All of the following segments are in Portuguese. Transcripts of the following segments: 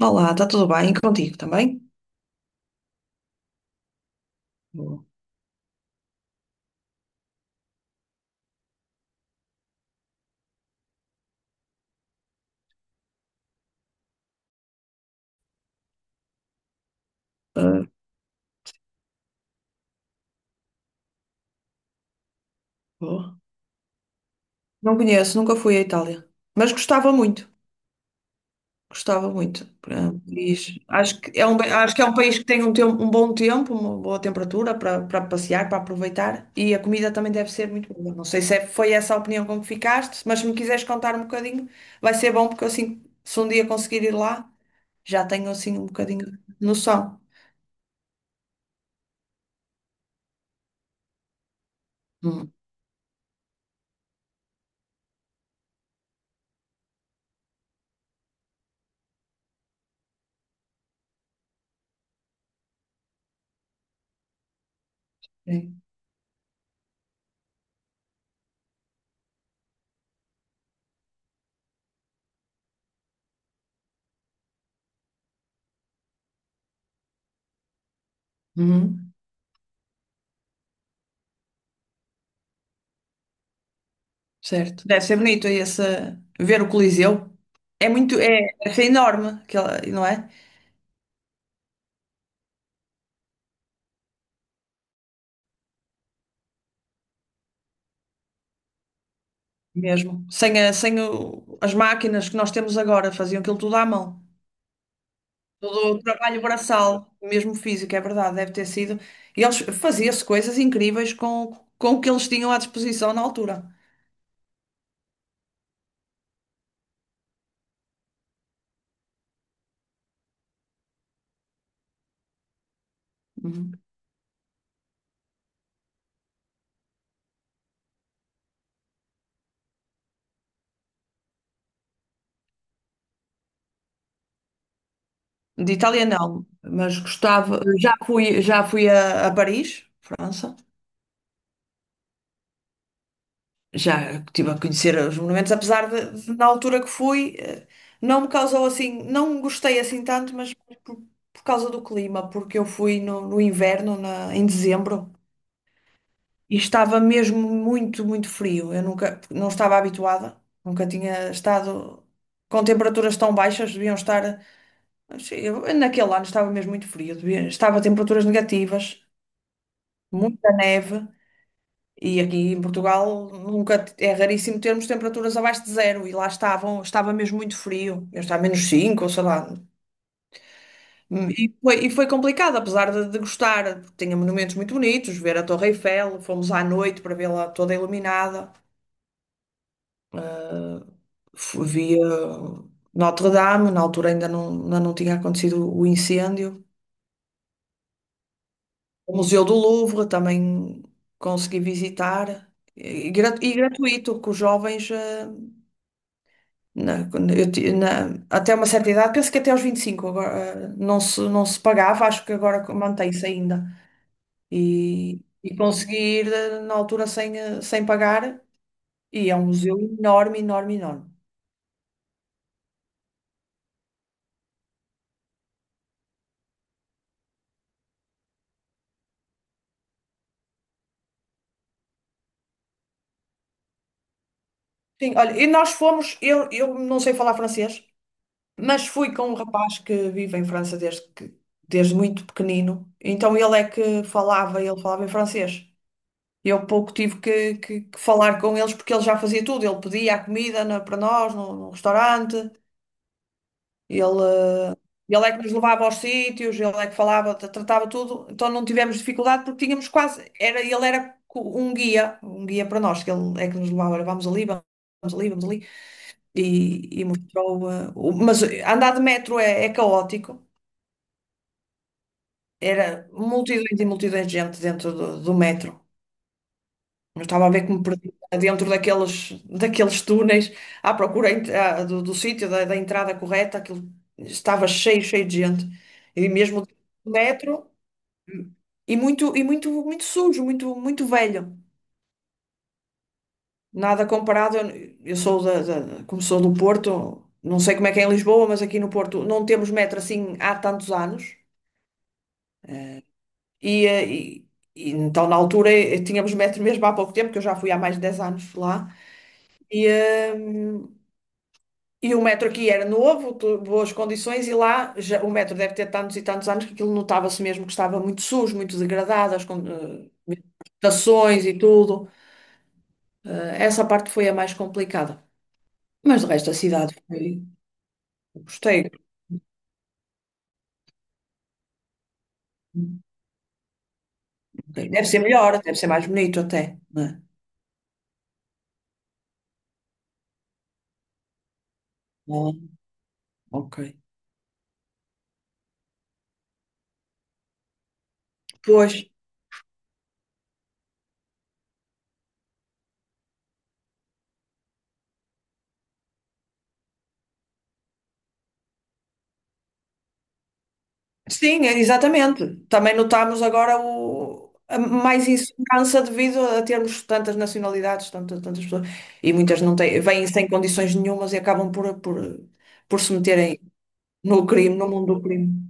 Olá, está tudo bem? E contigo também? Boa. Ah, boa. Não conheço, nunca fui à Itália, mas gostava muito, gostava muito. Ah, acho que é um, acho que é um país que tem um bom tempo, uma boa temperatura para passear, para aproveitar, e a comida também deve ser muito boa. Não sei se foi essa a opinião com que ficaste, mas se me quiseres contar um bocadinho, vai ser bom porque assim, se um dia conseguir ir lá, já tenho assim um bocadinho de noção. Hum, sim. Uhum. Certo. Deve ser bonito esse ver o Coliseu. É muito, é enorme, aquela, não é? Mesmo. Sem as máquinas que nós temos agora, faziam aquilo tudo à mão. Todo o trabalho braçal, mesmo físico, é verdade, deve ter sido. E eles faziam-se coisas incríveis com o que eles tinham à disposição na altura. Uhum. De Itália não, mas gostava. Já fui a Paris, França. Já estive a conhecer os monumentos, apesar de, na altura que fui, não me causou assim, não gostei assim tanto, mas por, por causa do clima, porque eu fui no inverno, em dezembro, e estava mesmo muito, muito frio. Eu nunca, não estava habituada, nunca tinha estado com temperaturas tão baixas, deviam estar, naquele ano estava mesmo muito frio, estava a temperaturas negativas, muita neve. E aqui em Portugal nunca é raríssimo termos temperaturas abaixo de zero, e lá estavam, estava mesmo muito frio, eu estava a menos 5 ou sei lá. E foi complicado, apesar de gostar, porque tinha monumentos muito bonitos, ver a Torre Eiffel. Fomos à noite para vê-la toda iluminada, eh, via Notre Dame, na altura ainda não tinha acontecido o incêndio. O Museu do Louvre também consegui visitar, e gratuito, que os jovens. Quando eu até uma certa idade, penso que até aos 25 agora, não se, não se pagava, acho que agora mantém-se ainda. E conseguir na altura sem, sem pagar, e é um museu enorme, enorme, enorme. Sim, olha, e nós fomos. Eu não sei falar francês, mas fui com um rapaz que vive em França desde muito pequenino, então ele é que falava, ele falava em francês. Eu pouco tive que falar com eles, porque ele já fazia tudo. Ele pedia a comida para nós no restaurante, ele, eh, ele é que nos levava aos sítios, ele é que falava, tratava tudo. Então não tivemos dificuldade, porque tínhamos quase, era, ele era um guia para nós, que ele é que nos levava, olha, vamos ali, vamos ali, vamos ali. E mostrou. Mas andar de metro é, é caótico. Era multidões e multidões de gente dentro do metro. Não estava a ver, que me perdi dentro daqueles, daqueles túneis à procura do sítio, da entrada correta. Aquilo estava cheio, cheio de gente. E mesmo o metro, e muito, muito sujo, muito, muito velho. Nada comparado. Eu sou como sou do Porto, não sei como é que é em Lisboa, mas aqui no Porto não temos metro assim há tantos anos. E, eh, e- e então, na altura, tínhamos metro mesmo há pouco tempo, que eu já fui há mais de 10 anos lá. E, eh, E o metro aqui era novo, boas condições, e lá já- o metro deve ter tantos e tantos anos, que aquilo notava-se mesmo que estava muito sujo, muito degradado, as estações e tudo. Eh, essa parte foi a mais complicada. Mas o resto da cidade foi. Gostei. Deve ser melhor, deve ser mais bonito até, né? Ah, ok. Pois. Exatamente. Também notamos agora mais insegurança devido a termos tantas nacionalidades, tantas, tantas pessoas, e muitas não têm, vêm sem condições nenhumas, e acabam por se meterem no crime, no mundo do crime.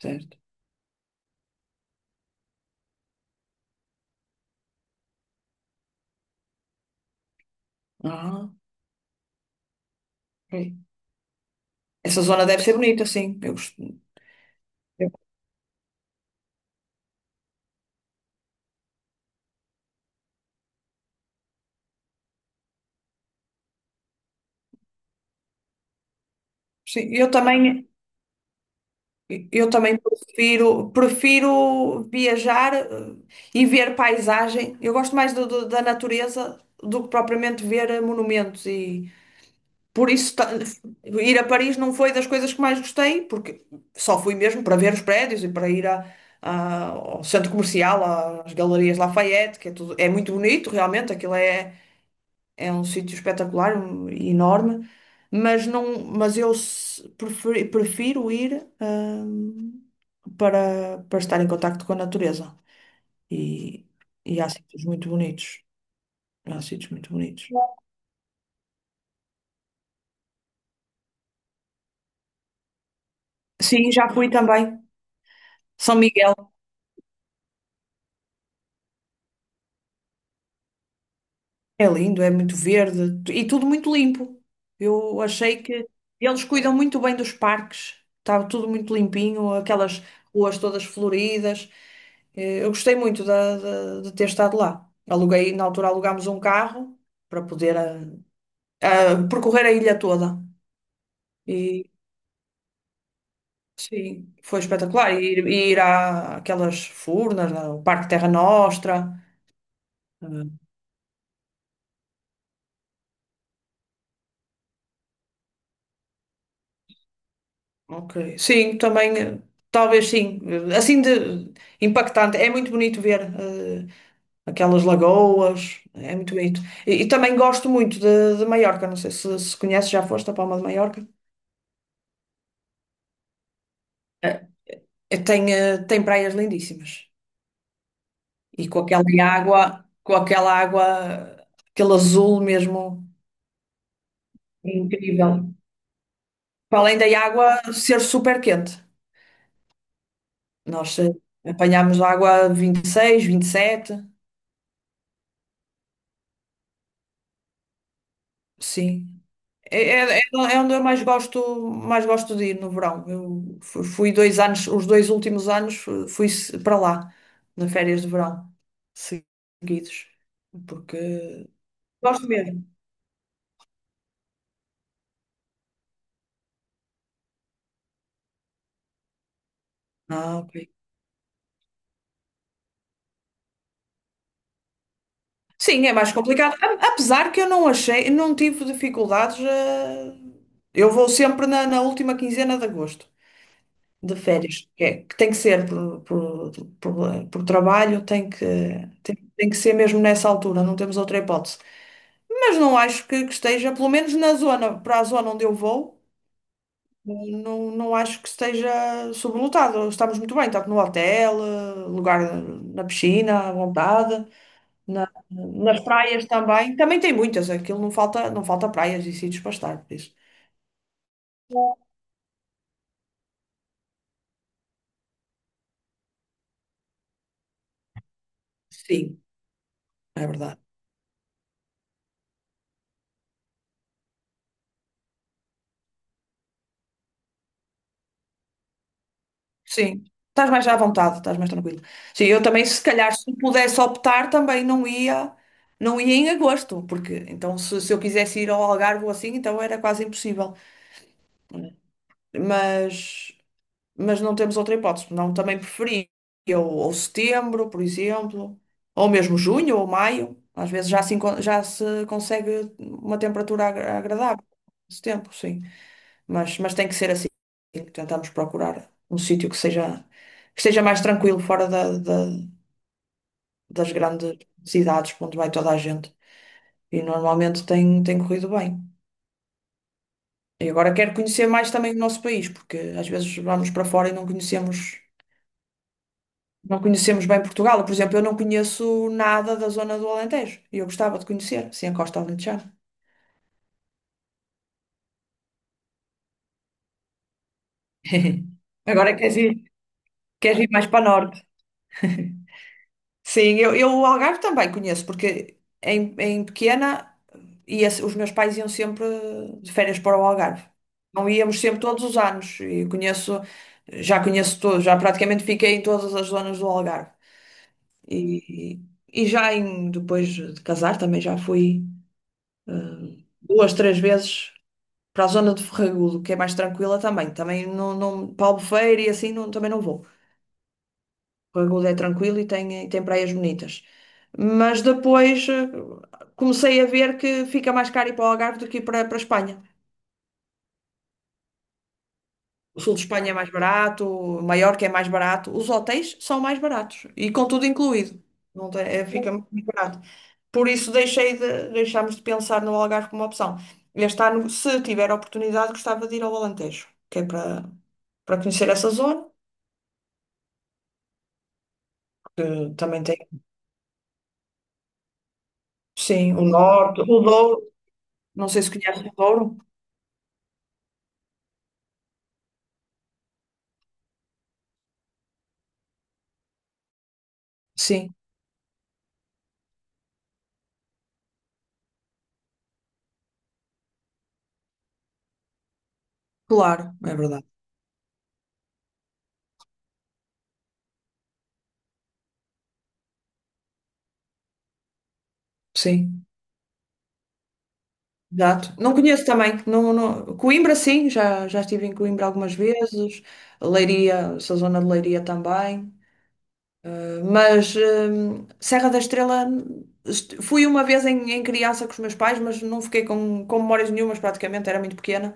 Certo. Ah, ok. Essa zona deve ser bonita, sim. Eu, gosto- eu- sim, eu também, Eu também prefiro, prefiro viajar, e ver paisagem. Eu gosto mais da natureza do que propriamente ver, monumentos. E Por isso, ta- ir a Paris não foi das coisas que mais gostei, porque só fui mesmo para ver os prédios e para ir ao centro comercial, às galerias Lafayette, que é tudo, é muito bonito, realmente, aquilo é, é um sítio espetacular e enorme, mas não, mas eu prefiro ir, para estar em contacto com a natureza. E, e há sítios muito bonitos. Há sítios muito bonitos. Sim, já fui também. São Miguel. É lindo, é muito verde e tudo muito limpo. Eu achei que eles cuidam muito bem dos parques, estava tudo muito limpinho, aquelas ruas todas floridas. Eu gostei muito ter estado lá. Aluguei, na altura alugámos um carro para poder, percorrer a ilha toda. E sim, foi espetacular. E ir àquelas furnas, ao Parque Terra Nostra. eh, Ok. Sim, também, talvez sim. Assim de impactante. É muito bonito ver, aquelas lagoas. É muito bonito. E também gosto muito de Maiorca. Não sei se, se conheces, já foste à Palma de Maiorca. Eh, Tem praias lindíssimas. E com aquela água, aquele azul mesmo incrível. Para além da água ser super quente. Nós apanhámos água a 26, 27. Sim. É, é, é é onde eu mais gosto de ir no verão. Eu fui 2 anos, os 2 últimos anos fui para lá, nas férias de verão, seguidos. Porque gosto mesmo. Ah, ok. Sim, é mais complicado. Apesar que eu não achei, não tive dificuldades. Eu vou sempre na última quinzena de agosto, de férias. Que, que tem que ser por trabalho, tem que ser mesmo nessa altura, não temos outra hipótese. Mas não acho que esteja, pelo menos na zona, para a zona onde eu vou, não, não acho que esteja sobrelotado. Estamos muito bem, tanto no hotel, lugar na piscina, à vontade, nas praias também. Também tem muitas, aquilo não falta, não falta praias e sítios para estar, por isso. Sim, é verdade. Sim. Estás mais à vontade, estás mais tranquilo. Sim, eu também, se calhar, se pudesse optar, também não ia, não ia em agosto, porque então se eu quisesse ir ao Algarve ou assim, então era quase impossível. mas, mas não temos outra hipótese. Não, também preferia ou setembro, por exemplo, ou mesmo junho ou maio. Às vezes já se, já se consegue uma temperatura agradável nesse tempo, sim. Mas tem que ser assim. Tentamos procurar um sítio que seja mais tranquilo, fora das grandes cidades, para onde vai toda a gente. E normalmente tem, tem corrido bem. E agora quero conhecer mais também o nosso país, porque às vezes vamos para fora e não conhecemos. Não conhecemos bem Portugal. Por exemplo, eu não conheço nada da zona do Alentejo. E eu gostava de conhecer, assim, a Costa Alentejana. Agora queres ir mais para norte. Sim, eu o Algarve também conheço, porque em, em pequena ia, os meus pais iam sempre de férias para o Algarve. Não íamos sempre todos os anos. E conheço, já conheço tudo, já praticamente fiquei em todas as zonas do Algarve. E, e já em, depois de casar também já fui, duas, três vezes para a zona de Ferragudo, que é mais tranquila também. Também não, não, para Albufeira e assim não, também não vou. Ferragudo é tranquilo e tem praias bonitas. Mas depois, comecei a ver que fica mais caro ir para o Algarve do que ir para a Espanha. O sul de Espanha é mais barato, Maiorca é mais barato, os hotéis são mais baratos e com tudo incluído. Não tem- é, fica muito mais barato. Por isso deixei de, deixámos de pensar no Algarve como opção. Este ano, se tiver oportunidade, gostava de ir ao Alentejo, que é para conhecer essa zona, que também tem, sim, o norte, o Douro. Não sei se conhece o Douro, sim, claro, é verdade, sim, exato. Não conheço também, não, não- Coimbra sim, já, já estive em Coimbra algumas vezes, Leiria, essa zona de Leiria também, mas Serra da Estrela, fui uma vez em, em criança com os meus pais, mas não fiquei com memórias nenhumas praticamente, era muito pequena.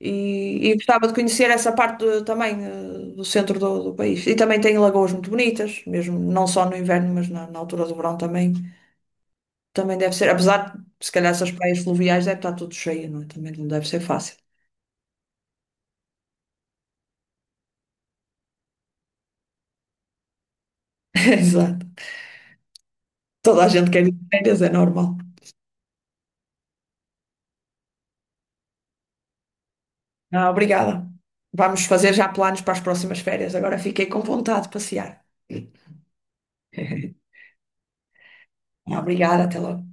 E gostava de conhecer essa parte também, do centro do país. E também tem lagoas muito bonitas, mesmo não só no inverno, mas na altura do verão também. Também deve ser, apesar de se calhar essas praias fluviais deve estar tudo cheio, não é? Também não deve ser fácil. Exato. Toda a gente quer ir de férias, é normal. Ah, obrigada. Vamos fazer já planos para as próximas férias. Agora fiquei com vontade de passear. Ah, obrigada, até logo.